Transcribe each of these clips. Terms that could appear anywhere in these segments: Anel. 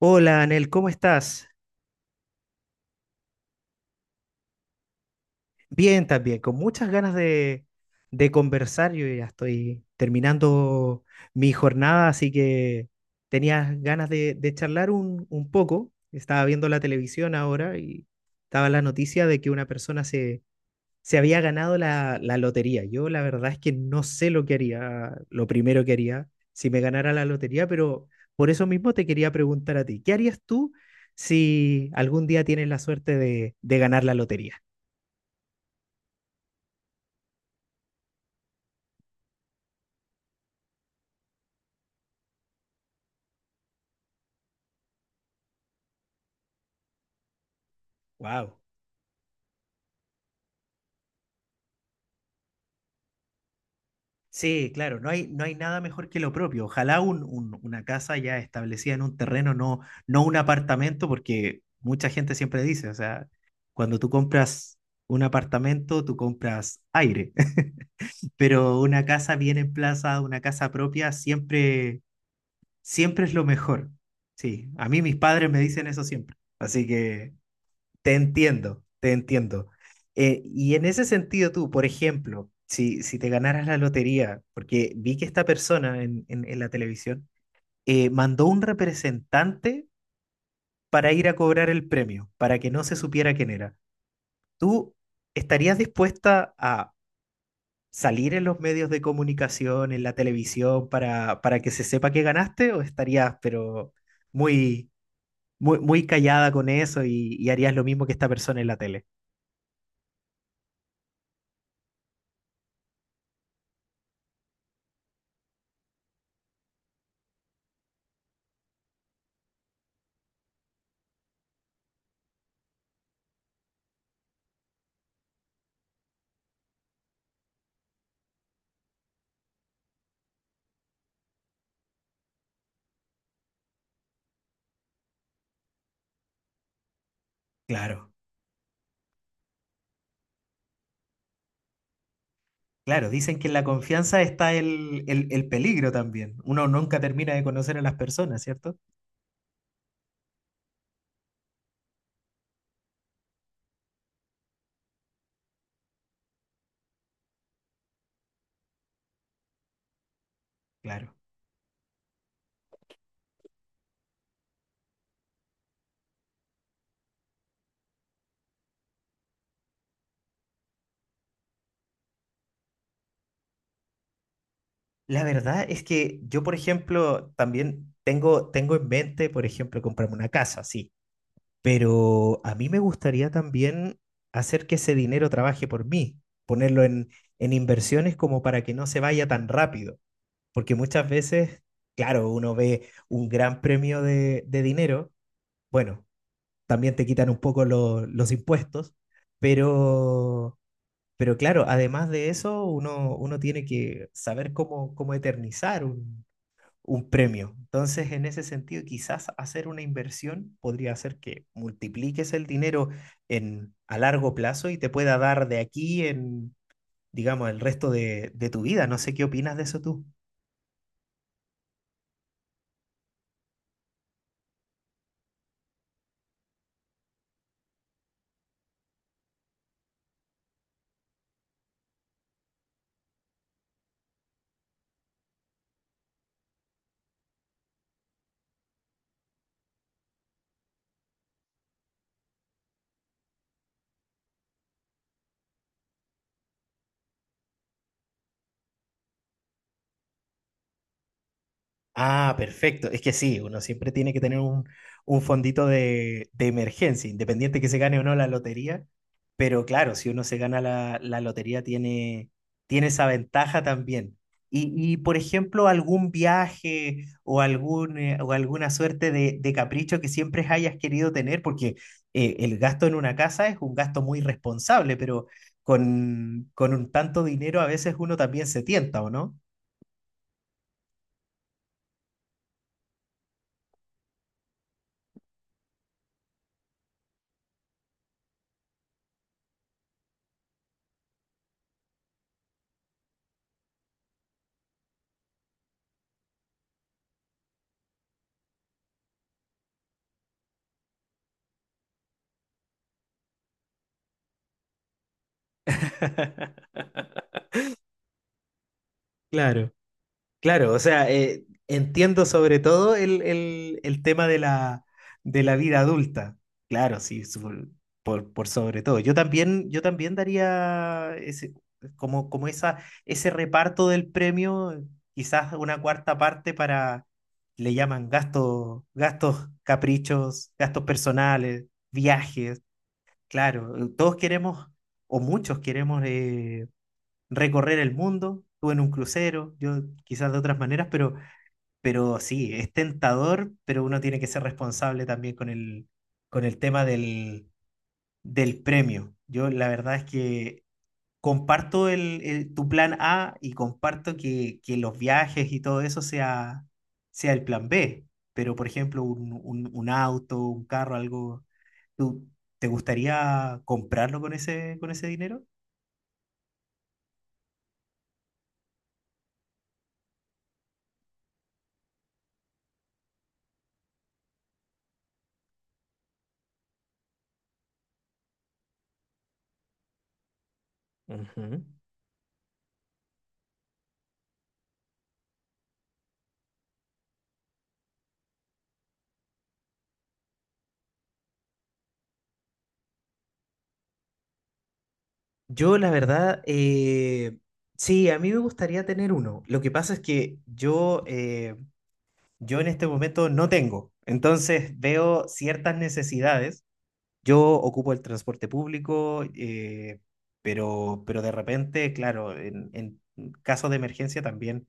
Hola, Anel, ¿cómo estás? Bien también, con muchas ganas de conversar. Yo ya estoy terminando mi jornada, así que tenía ganas de charlar un poco. Estaba viendo la televisión ahora y estaba la noticia de que una persona se había ganado la lotería. Yo la verdad es que no sé lo que haría, lo primero que haría si me ganara la lotería, pero por eso mismo te quería preguntar a ti, ¿qué harías tú si algún día tienes la suerte de ganar la lotería? Wow. Sí, claro, no hay nada mejor que lo propio. Ojalá una casa ya establecida en un terreno, no, no un apartamento, porque mucha gente siempre dice, o sea, cuando tú compras un apartamento, tú compras aire. Pero una casa bien emplazada, una casa propia, siempre, siempre es lo mejor. Sí, a mí mis padres me dicen eso siempre, así que te entiendo, te entiendo. Y en ese sentido tú, por ejemplo, si te ganaras la lotería, porque vi que esta persona en la televisión mandó un representante para ir a cobrar el premio, para que no se supiera quién era. ¿Tú estarías dispuesta a salir en los medios de comunicación, en la televisión, para que se sepa que ganaste? ¿O estarías, pero muy, muy callada con eso y harías lo mismo que esta persona en la tele? Claro, claro, dicen que en la confianza está el peligro también. Uno nunca termina de conocer a las personas, ¿cierto? Claro. La verdad es que yo, por ejemplo, también tengo, tengo en mente, por ejemplo, comprarme una casa, sí. Pero a mí me gustaría también hacer que ese dinero trabaje por mí, ponerlo en inversiones como para que no se vaya tan rápido, porque muchas veces, claro, uno ve un gran premio de dinero, bueno, también te quitan un poco los impuestos, pero, pero claro, además de eso, uno, uno tiene que saber cómo, cómo eternizar un premio. Entonces, en ese sentido, quizás hacer una inversión podría hacer que multipliques el dinero a largo plazo y te pueda dar de aquí en, digamos, el resto de tu vida. No sé qué opinas de eso tú. Ah, perfecto. Es que sí, uno siempre tiene que tener un fondito de emergencia, independiente que se gane o no la lotería. Pero claro, si uno se gana la lotería, tiene, tiene esa ventaja también. Y, por ejemplo, algún viaje o, algún, o alguna suerte de capricho que siempre hayas querido tener, porque el gasto en una casa es un gasto muy responsable, pero con un tanto dinero a veces uno también se tienta, ¿o no? Claro. Claro, o sea, entiendo sobre todo el, el tema de la vida adulta. Claro, sí, por sobre todo. Yo también daría ese, como, como esa, ese reparto del premio, quizás una cuarta parte para, le llaman gastos, gastos caprichos, gastos personales, viajes. Claro, todos queremos, o muchos queremos recorrer el mundo, tú en un crucero, yo quizás de otras maneras, pero sí, es tentador, pero uno tiene que ser responsable también con el tema del, del premio. Yo la verdad es que comparto el, tu plan A y comparto que los viajes y todo eso sea, sea el plan B, pero por ejemplo, un auto, un carro, algo, ¿tú te gustaría comprarlo con ese dinero? Ujú. Yo, la verdad, sí, a mí me gustaría tener uno. Lo que pasa es que yo, yo en este momento no tengo. Entonces veo ciertas necesidades. Yo ocupo el transporte público, pero de repente, claro, en caso de emergencia también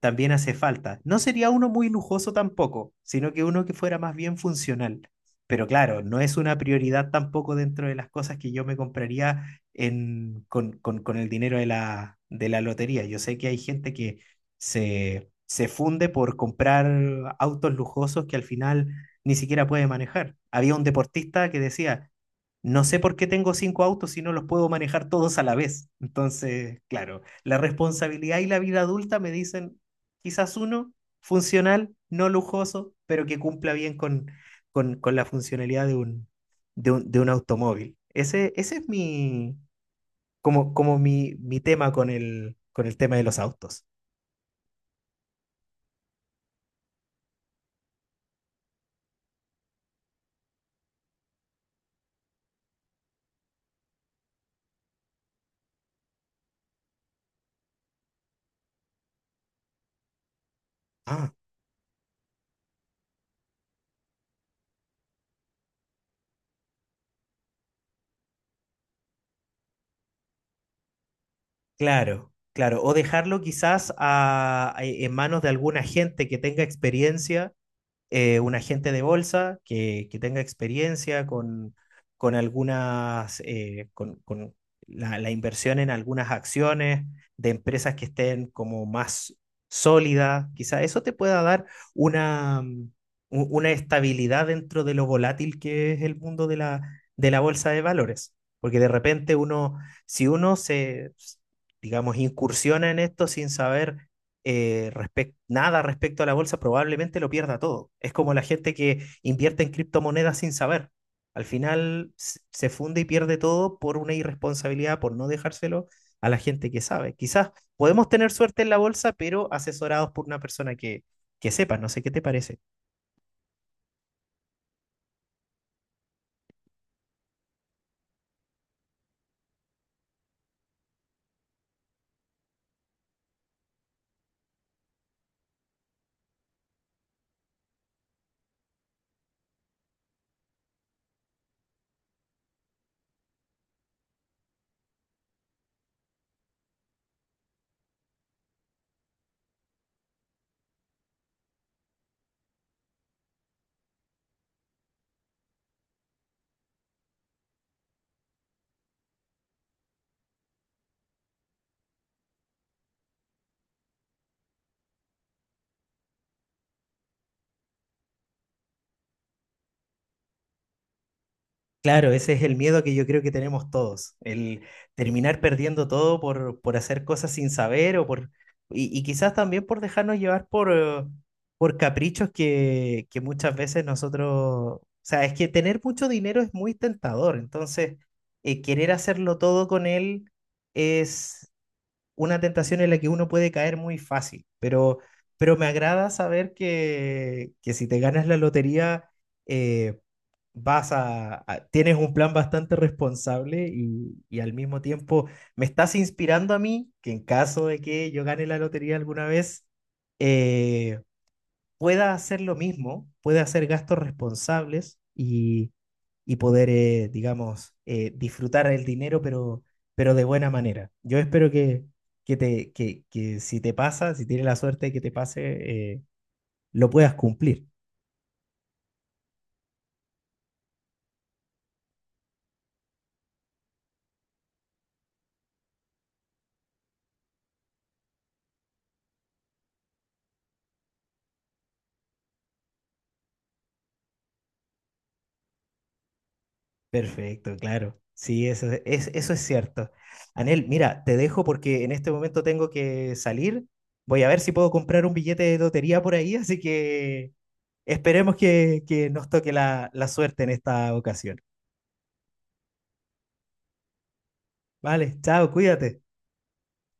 también hace falta. No sería uno muy lujoso tampoco, sino que uno que fuera más bien funcional. Pero claro, no es una prioridad tampoco dentro de las cosas que yo me compraría en, con el dinero de la lotería. Yo sé que hay gente que se funde por comprar autos lujosos que al final ni siquiera puede manejar. Había un deportista que decía, no sé por qué tengo cinco autos si no los puedo manejar todos a la vez. Entonces, claro, la responsabilidad y la vida adulta me dicen, quizás uno, funcional, no lujoso, pero que cumpla bien con, con la funcionalidad de un, de un automóvil. Ese es mi, como, como mi tema con el tema de los autos. Ah, claro, claro. O dejarlo quizás en manos de alguna gente que tenga experiencia un agente de bolsa que tenga experiencia con algunas, con la, la inversión en algunas acciones de empresas que estén como más sólidas, quizá eso te pueda dar una, una estabilidad dentro de lo volátil que es el mundo de la bolsa de valores. Porque de repente uno, si uno se, digamos, incursiona en esto sin saber nada respecto a la bolsa, probablemente lo pierda todo. Es como la gente que invierte en criptomonedas sin saber. Al final se funde y pierde todo por una irresponsabilidad, por no dejárselo a la gente que sabe. Quizás podemos tener suerte en la bolsa, pero asesorados por una persona que sepa. No sé qué te parece. Claro, ese es el miedo que yo creo que tenemos todos, el terminar perdiendo todo por hacer cosas sin saber o por, y quizás también por dejarnos llevar por caprichos que muchas veces nosotros, o sea, es que tener mucho dinero es muy tentador, entonces querer hacerlo todo con él es una tentación en la que uno puede caer muy fácil, pero me agrada saber que si te ganas la lotería... eh, vas a, tienes un plan bastante responsable y al mismo tiempo me estás inspirando a mí que en caso de que yo gane la lotería alguna vez, eh, pueda hacer lo mismo, pueda hacer gastos responsables y poder, digamos, disfrutar el dinero, pero de buena manera. Yo espero que, te, que si te pasa, si tienes la suerte de que te pase, lo puedas cumplir. Perfecto, claro. Sí, eso es cierto. Anel, mira, te dejo porque en este momento tengo que salir. Voy a ver si puedo comprar un billete de lotería por ahí, así que esperemos que nos toque la, la suerte en esta ocasión. Vale, chao, cuídate.